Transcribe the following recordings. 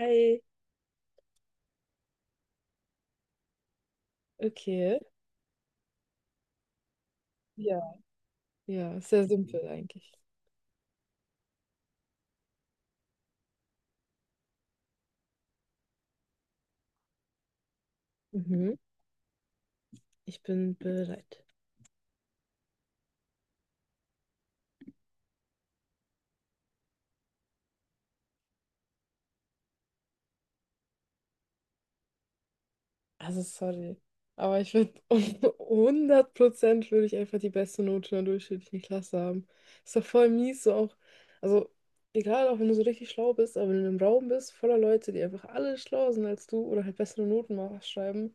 Hi. Okay. Ja. Ja, sehr simpel eigentlich. Mhm. Ich bin bereit. Also sorry, aber ich würde hundert Prozent würde ich einfach die beste Note in der durchschnittlichen Klasse haben. Ist doch voll mies, so auch. Also egal, auch wenn du so richtig schlau bist, aber wenn du in einem Raum bist, voller Leute, die einfach alle schlauer sind als du oder halt bessere schreiben,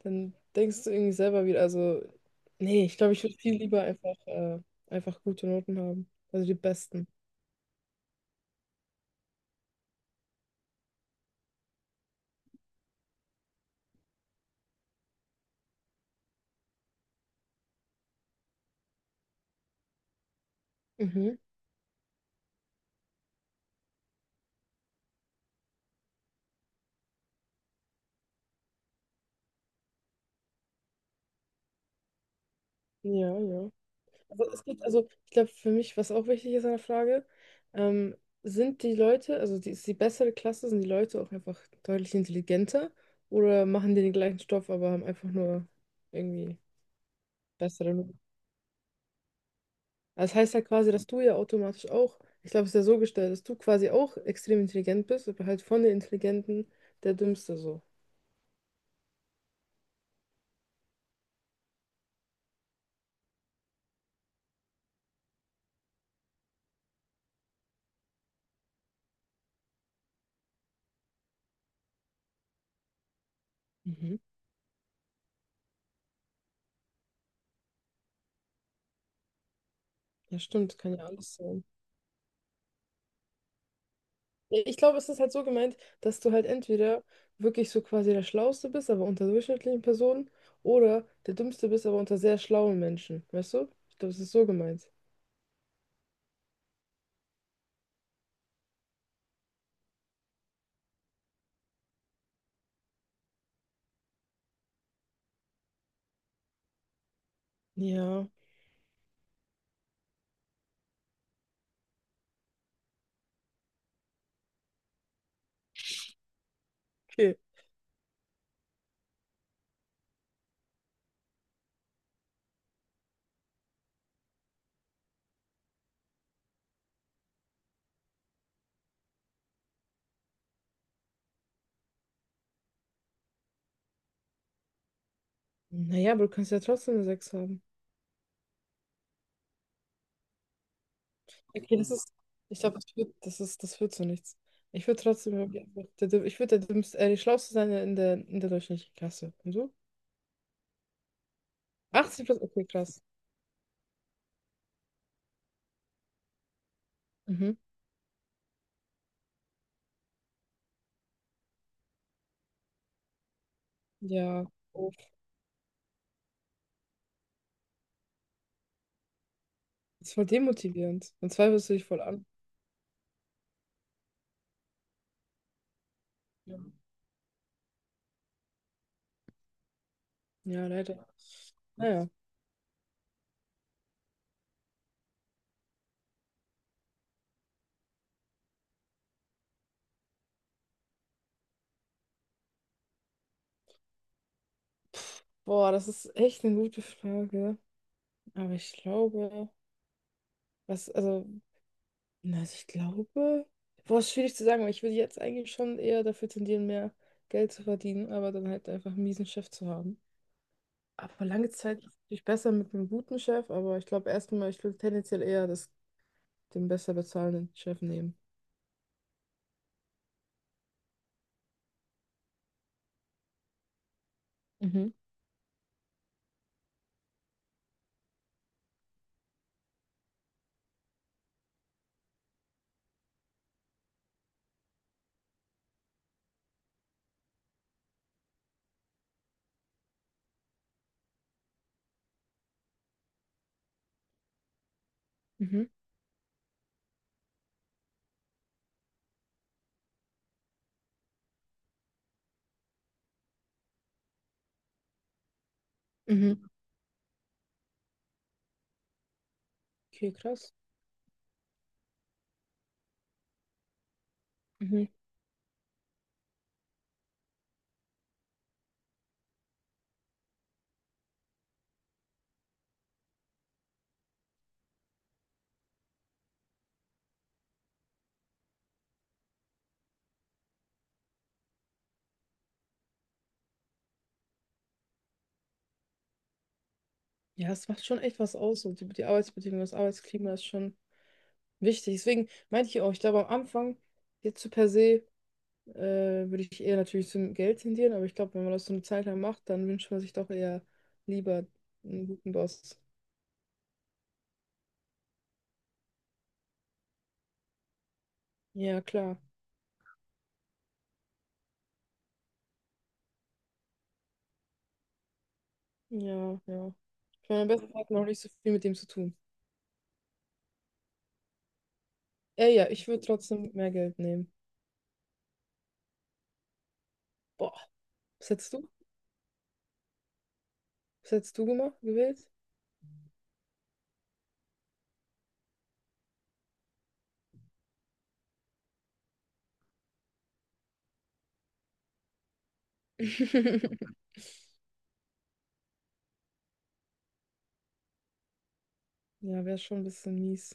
dann denkst du irgendwie selber wieder, also nee, ich glaube, ich würde viel lieber einfach, einfach gute Noten haben. Also die besten. Mhm. Ja, ja. Also ich glaube, für mich, was auch wichtig ist an der Frage, ähm, sind die ist die bessere Klasse, sind die Leute auch einfach deutlich intelligenter oder machen die den gleichen Stoff, aber haben einfach nur irgendwie bessere Noten? Also das heißt ja quasi, dass du ja automatisch auch, ich glaube, es ist ja so gestellt, dass du quasi auch extrem intelligent bist, aber halt von den Intelligenten der Dümmste so. Mhm. Ja, stimmt, kann ja alles sein. Ja, ich glaube, es ist halt so gemeint, dass du halt entweder wirklich so quasi der Schlauste bist, aber unter durchschnittlichen Personen, oder der Dümmste bist, aber unter sehr schlauen Menschen. Weißt du? Ich glaube, es ist so gemeint. Ja, okay. Naja, aber du kannst ja trotzdem eine 6 haben. Okay, das ist. Ich glaube, das wird, das ist, das wird so nichts. Ich würde trotzdem irgendwie einfach ich würde die Schlauste sein in in der durchschnittlichen Klasse. Und du? 80 plus, okay, krass. Mhm. Ja. Oh, das ist voll demotivierend. Und zwei wirst du dich voll an. Ja. Ja, leider. Naja, boah, das ist echt eine gute Frage. Aber ich glaube, was, also, na, also ich glaube, boah, ist schwierig zu sagen, weil ich würde jetzt eigentlich schon eher dafür tendieren, mehr Geld zu verdienen, aber dann halt einfach einen miesen Chef zu haben. Aber lange Zeit ist es natürlich besser mit einem guten Chef, aber ich glaube erstmal, ich würde tendenziell den besser bezahlenden Chef nehmen. Mhm, mhm, mhm. Okay, krass. Mhm. Ja, es macht schon echt was aus. Und die Arbeitsbedingungen, das Arbeitsklima ist schon wichtig. Deswegen meinte ich auch, ich glaube am Anfang, jetzt so per se, würde ich eher natürlich zum Geld tendieren, aber ich glaube, wenn man das so eine Zeit lang macht, dann wünscht man sich doch eher lieber einen guten Boss. Ja, klar. Ja, ja. Ich meine, am besten hat man auch nicht so viel mit dem zu tun. Ja, ja, ich würde trotzdem mehr Geld nehmen. Boah, was hättest du? Was hättest du gemacht, gewählt? Ja, wäre schon ein bisschen mies.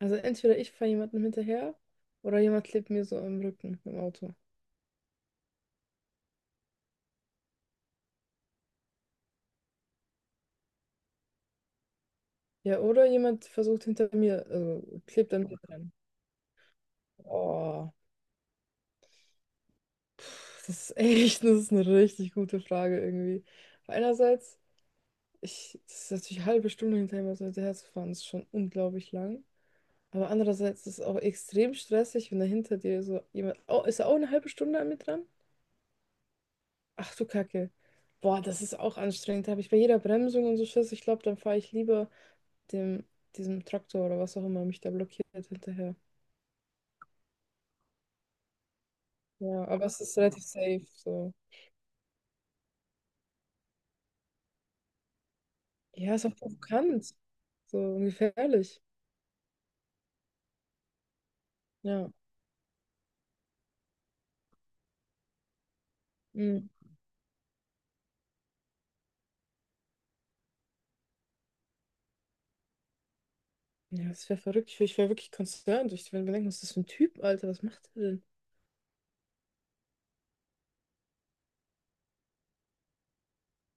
Also entweder ich fahre jemandem hinterher oder jemand klebt mir so am Rücken im Auto. Ja, oder jemand versucht hinter mir, also klebt an mir dran. Oh, pff, das ist echt, das ist eine richtig gute Frage irgendwie. Einerseits, das ist natürlich eine halbe Stunde hinter ihm so dem fahren, ist schon unglaublich lang. Aber andererseits ist es auch extrem stressig, wenn da hinter dir so jemand, oh, ist er auch eine halbe Stunde an mir dran? Ach du Kacke. Boah, das ist auch anstrengend. Da habe ich bei jeder Bremsung und so Schiss. Ich glaube, dann fahre ich lieber dem, diesem Traktor oder was auch immer mich da blockiert hinterher. Ja, aber es ist relativ safe, so. Ja, ist auch provokant. So und gefährlich. Ja. Mhm. Ja, das wäre verrückt. Ich wäre wirklich concerned. Ich würde mir denken, was ist das für ein Typ, Alter? Was macht er denn?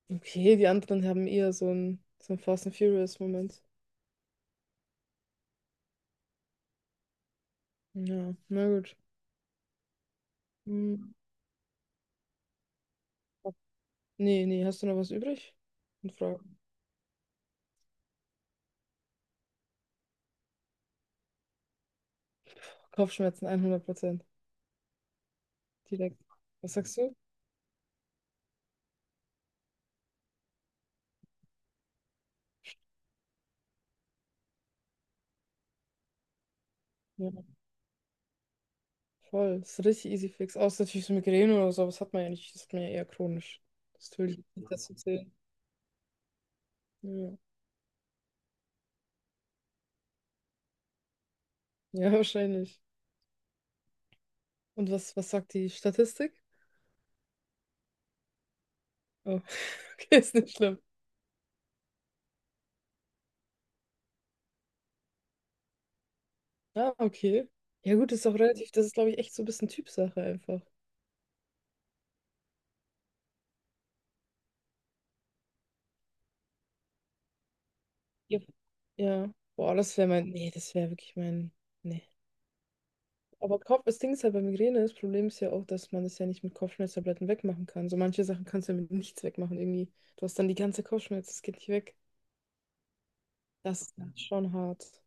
Okay, die anderen haben eher so einen Fast and Furious-Moment. Ja, na gut. Mhm. Nee, nee, hast du noch was übrig? Und Frage. Kopfschmerzen hundert Prozent. Direkt. Was sagst du? Ja, voll. Das ist richtig easy fix. Außer natürlich so Migräne oder so, aber das hat man ja nicht. Das hat man ja eher chronisch. Das will ich nicht dazu zählen. Ja. Ja, wahrscheinlich. Und was sagt die Statistik? Oh, okay, ist nicht schlimm. Ah, okay. Ja, gut, ist auch relativ, das ist, glaube ich, echt so ein bisschen Typsache einfach. Ja. Ja. Boah, das wäre mein, nee, das wäre wirklich mein, nee. Aber Kopf, das Ding ist halt bei Migräne, das Problem ist ja auch, dass man das ja nicht mit Kopfschmerztabletten wegmachen kann. So manche Sachen kannst du ja mit nichts wegmachen irgendwie. Du hast dann die ganze Kopfschmerz, das geht nicht weg. Das ist dann schon hart.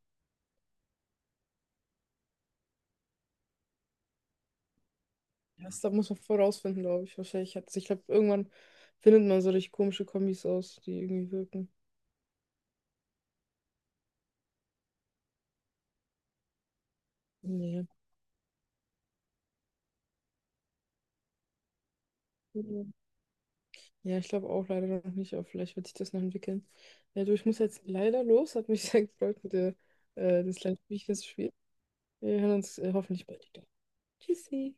Das, da muss man vorausfinden, glaube ich. Wahrscheinlich hat, ich glaube, irgendwann findet man so richtig komische Kombis aus, die irgendwie wirken. Nee. Ja, ich glaube auch leider noch nicht, aber vielleicht wird sich das noch entwickeln. Ja, du, ich muss jetzt leider los. Hat mich sehr gefreut mit dir, das kleine Spielchen zu spielen. Wir hören uns hoffentlich bald wieder. Tschüssi.